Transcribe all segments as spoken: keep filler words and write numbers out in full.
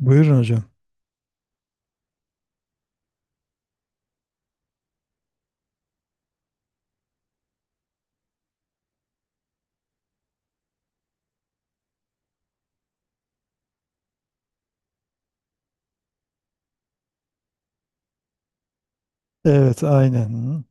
Buyurun hocam. Evet, aynen. Hı.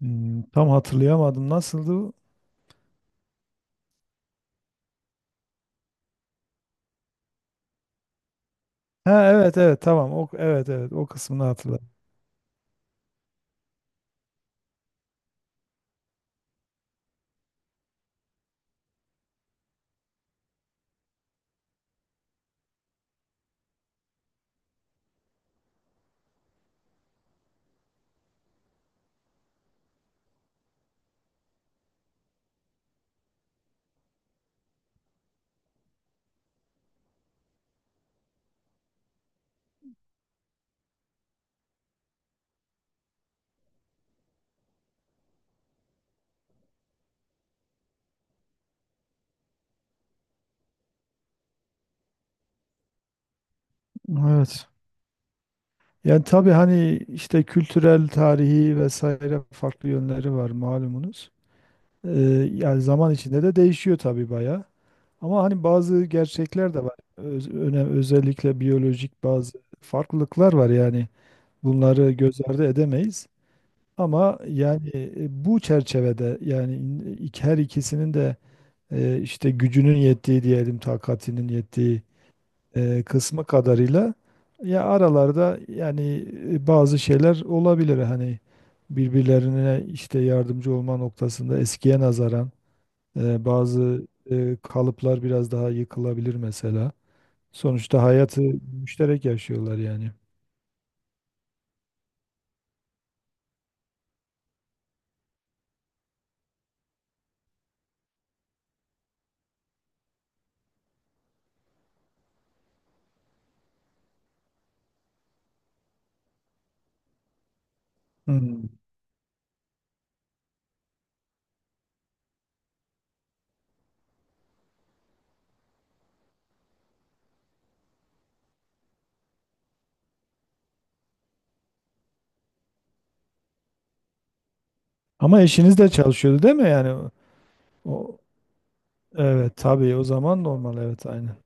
Hmm, tam hatırlayamadım. Nasıldı? Ha, evet, evet, tamam. O evet, evet, o kısmını hatırladım. Evet. Yani tabii hani işte kültürel, tarihi vesaire farklı yönleri var malumunuz. Ee, Yani zaman içinde de değişiyor tabii bayağı. Ama hani bazı gerçekler de var. Öz, öne- özellikle biyolojik bazı farklılıklar var yani. Bunları göz ardı edemeyiz. Ama yani e, bu çerçevede, yani in- ik- her ikisinin de e, işte gücünün yettiği diyelim, takatinin yettiği e, kısmı kadarıyla ya aralarda, yani e, bazı şeyler olabilir hani, birbirlerine işte yardımcı olma noktasında eskiye nazaran e, bazı e, kalıplar biraz daha yıkılabilir mesela. Sonuçta hayatı müşterek yaşıyorlar yani. Hmm. Ama eşiniz de çalışıyordu değil mi? Yani o, Evet tabii, o zaman normal, evet, aynen.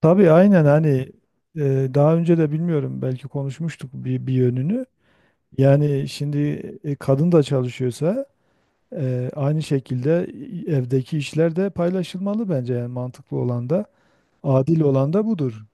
Tabii aynen, hani e, daha önce de bilmiyorum, belki konuşmuştuk bir, bir yönünü. Yani şimdi e, kadın da çalışıyorsa e, aynı şekilde evdeki işler de paylaşılmalı bence, yani mantıklı olan da adil olan da budur.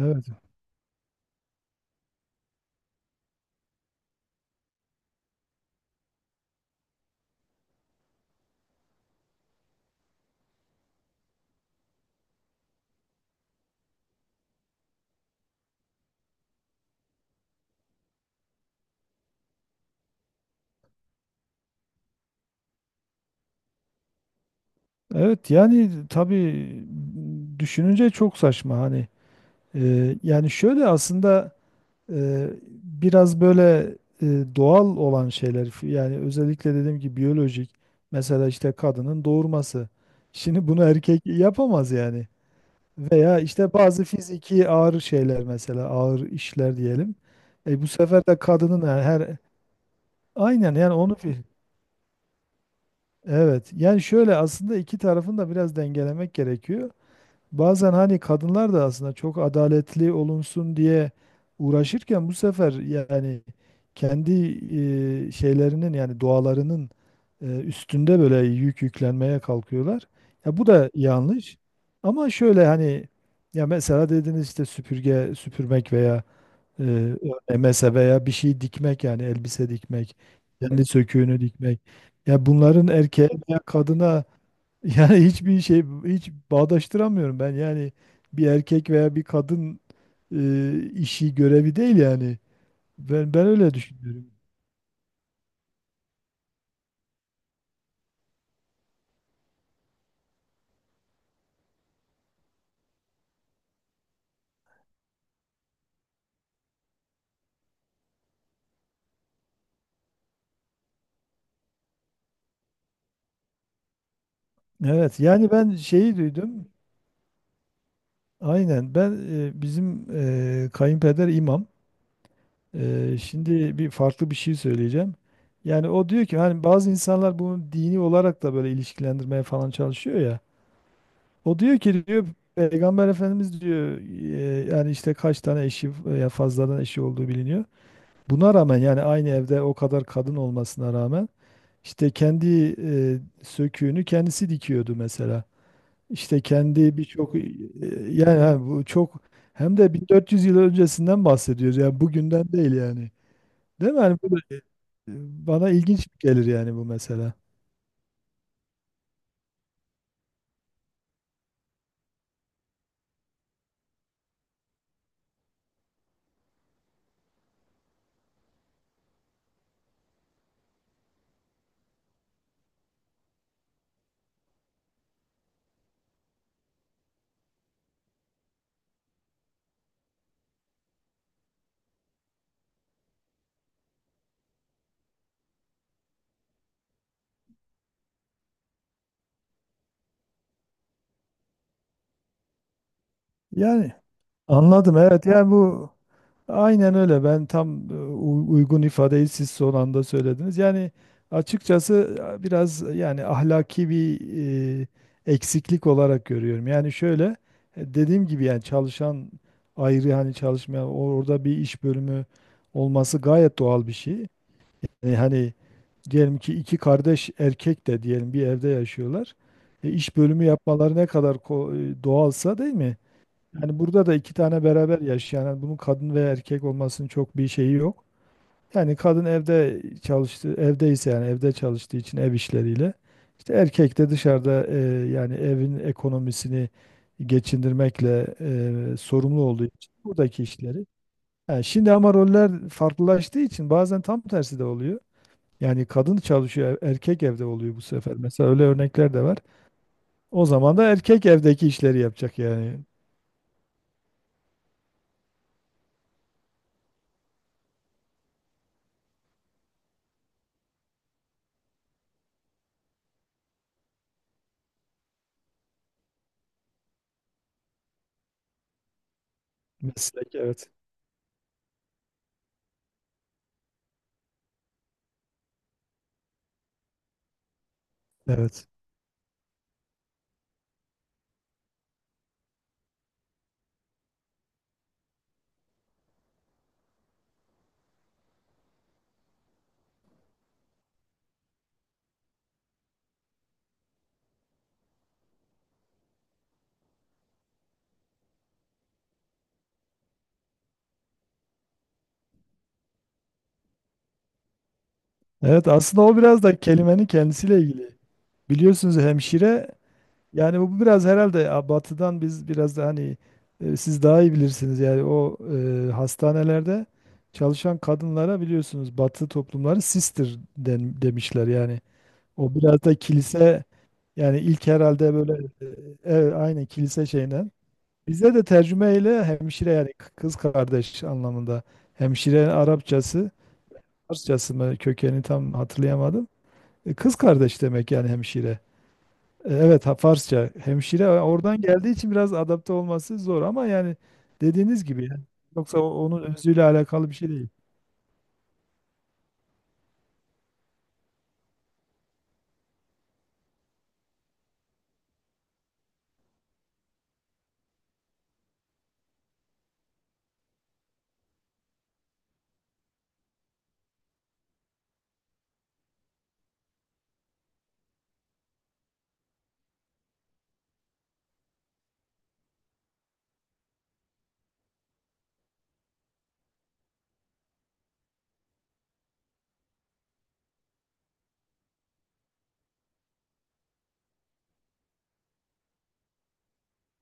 Evet. Evet yani tabii, düşününce çok saçma hani. E, yani şöyle aslında, Eee, biraz böyle eee, doğal olan şeyler, f- yani özellikle dediğim gibi biyolojik, mesela işte kadının doğurması. Şimdi bunu erkek yapamaz yani. Veya işte bazı fiziki ağır şeyler, mesela ağır işler diyelim. E, bu sefer de kadının her, her- aynen, yani onu fi- evet, yani şöyle aslında iki tarafın da biraz dengelemek gerekiyor. Bazen hani kadınlar da aslında çok adaletli olunsun diye uğraşırken, bu sefer yani kendi e, şeylerinin, yani doğalarının e, üstünde böyle yük yüklenmeye kalkıyorlar. Ya bu da yanlış. Ama şöyle hani, ya mesela dediniz işte süpürge süpürmek veya e, örmese, veya bir şey dikmek, yani elbise dikmek, kendi söküğünü dikmek. Ya bunların erkeğe veya kadına yani hiçbir şey hiç bağdaştıramıyorum ben. Yani bir erkek veya bir kadın e, işi, görevi değil yani. Ben ben öyle düşünüyorum. Evet, yani ben şeyi duydum. Aynen, ben e, bizim e, kayınpeder imam. E, şimdi bir farklı bir şey söyleyeceğim. Yani o diyor ki, hani bazı insanlar bunu dini olarak da böyle ilişkilendirmeye falan çalışıyor ya. O diyor ki, diyor, Peygamber Efendimiz diyor e, yani işte kaç tane eşi, ya fazladan eşi olduğu biliniyor. Buna rağmen, yani aynı evde o kadar kadın olmasına rağmen işte kendi e, söküğünü kendisi dikiyordu mesela. İşte kendi birçok. E, yani ha, bu çok, hem de bin dört yüz yıl öncesinden bahsediyoruz. Yani bugünden değil yani. Değil mi? Yani bu- da, e, bana ilginç gelir yani, bu mesela. Yani anladım, evet, yani bu aynen öyle. Ben tam e, u- uygun ifadeyi siz son anda söylediniz. Yani açıkçası e, biraz yani ahlaki bir e, eksiklik olarak görüyorum. Yani şöyle, e, dediğim gibi yani çalışan ayrı, hani çalışmayan o- orada bir iş bölümü olması gayet doğal bir şey. E, hani diyelim ki iki kardeş erkek de diyelim bir evde yaşıyorlar. E, iş bölümü yapmaları ne kadar ko- e, doğalsa, değil mi? Yani burada da iki tane beraber yaşayan, yani bunun kadın ve erkek olmasının çok bir şeyi yok. Yani kadın evde çalıştı, evdeyse, yani evde çalıştığı için ev işleriyle. İşte erkek de dışarıda e, yani evin ekonomisini geçindirmekle e, sorumlu olduğu için buradaki işleri. Yani şimdi ama roller farklılaştığı için bazen tam tersi de oluyor. Yani kadın çalışıyor, e- erkek evde oluyor bu sefer. Mesela öyle örnekler de var. O zaman da erkek evdeki işleri yapacak yani. Meslek, evet. Evet. Evet, aslında o biraz da kelimenin kendisiyle ilgili. Biliyorsunuz hemşire, yani bu biraz herhalde ya batıdan, biz biraz da hani e, siz daha iyi bilirsiniz yani, o e, hastanelerde çalışan kadınlara biliyorsunuz batı toplumları sister den, demişler yani. O biraz da kilise, yani ilk herhalde böyle e, evet, aynı kilise şeyinden. Bizde de tercümeyle hemşire, yani k- kız kardeş anlamında. Hemşire Arapçası, Farsçası mı, kökeni tam hatırlayamadım. E, Kız kardeş demek yani hemşire. E, Evet, ha, Farsça hemşire e, oradan geldiği için biraz adapte olması zor, ama yani dediğiniz gibi yani. Yoksa o- onun özüyle alakalı bir şey değil.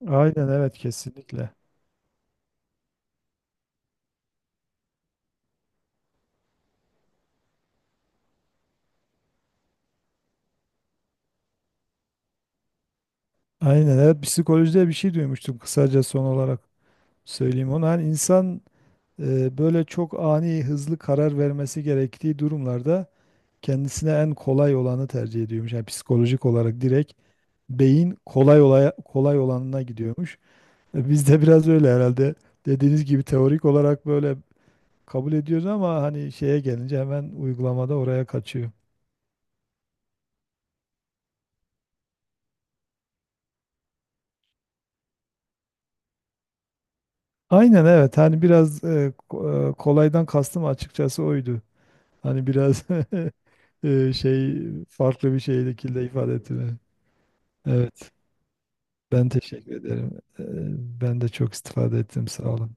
Aynen, evet, kesinlikle. Aynen evet, psikolojide bir şey duymuştum, kısaca son olarak söyleyeyim onu. Hani insan e, böyle çok ani, hızlı karar vermesi gerektiği durumlarda kendisine en kolay olanı tercih ediyormuş. Yani psikolojik olarak direkt beyin kolay olaya, kolay olanına gidiyormuş. Bizde biraz öyle herhalde. Dediğiniz gibi teorik olarak böyle kabul ediyoruz ama hani şeye gelince hemen uygulamada oraya kaçıyor. Aynen evet, hani biraz e, ko- e, kolaydan kastım açıkçası oydu. Hani biraz e, şey, farklı bir şekilde ifade ettim. Evet, ben teşekkür ederim. E, Ben de çok istifade ettim, sağ olun.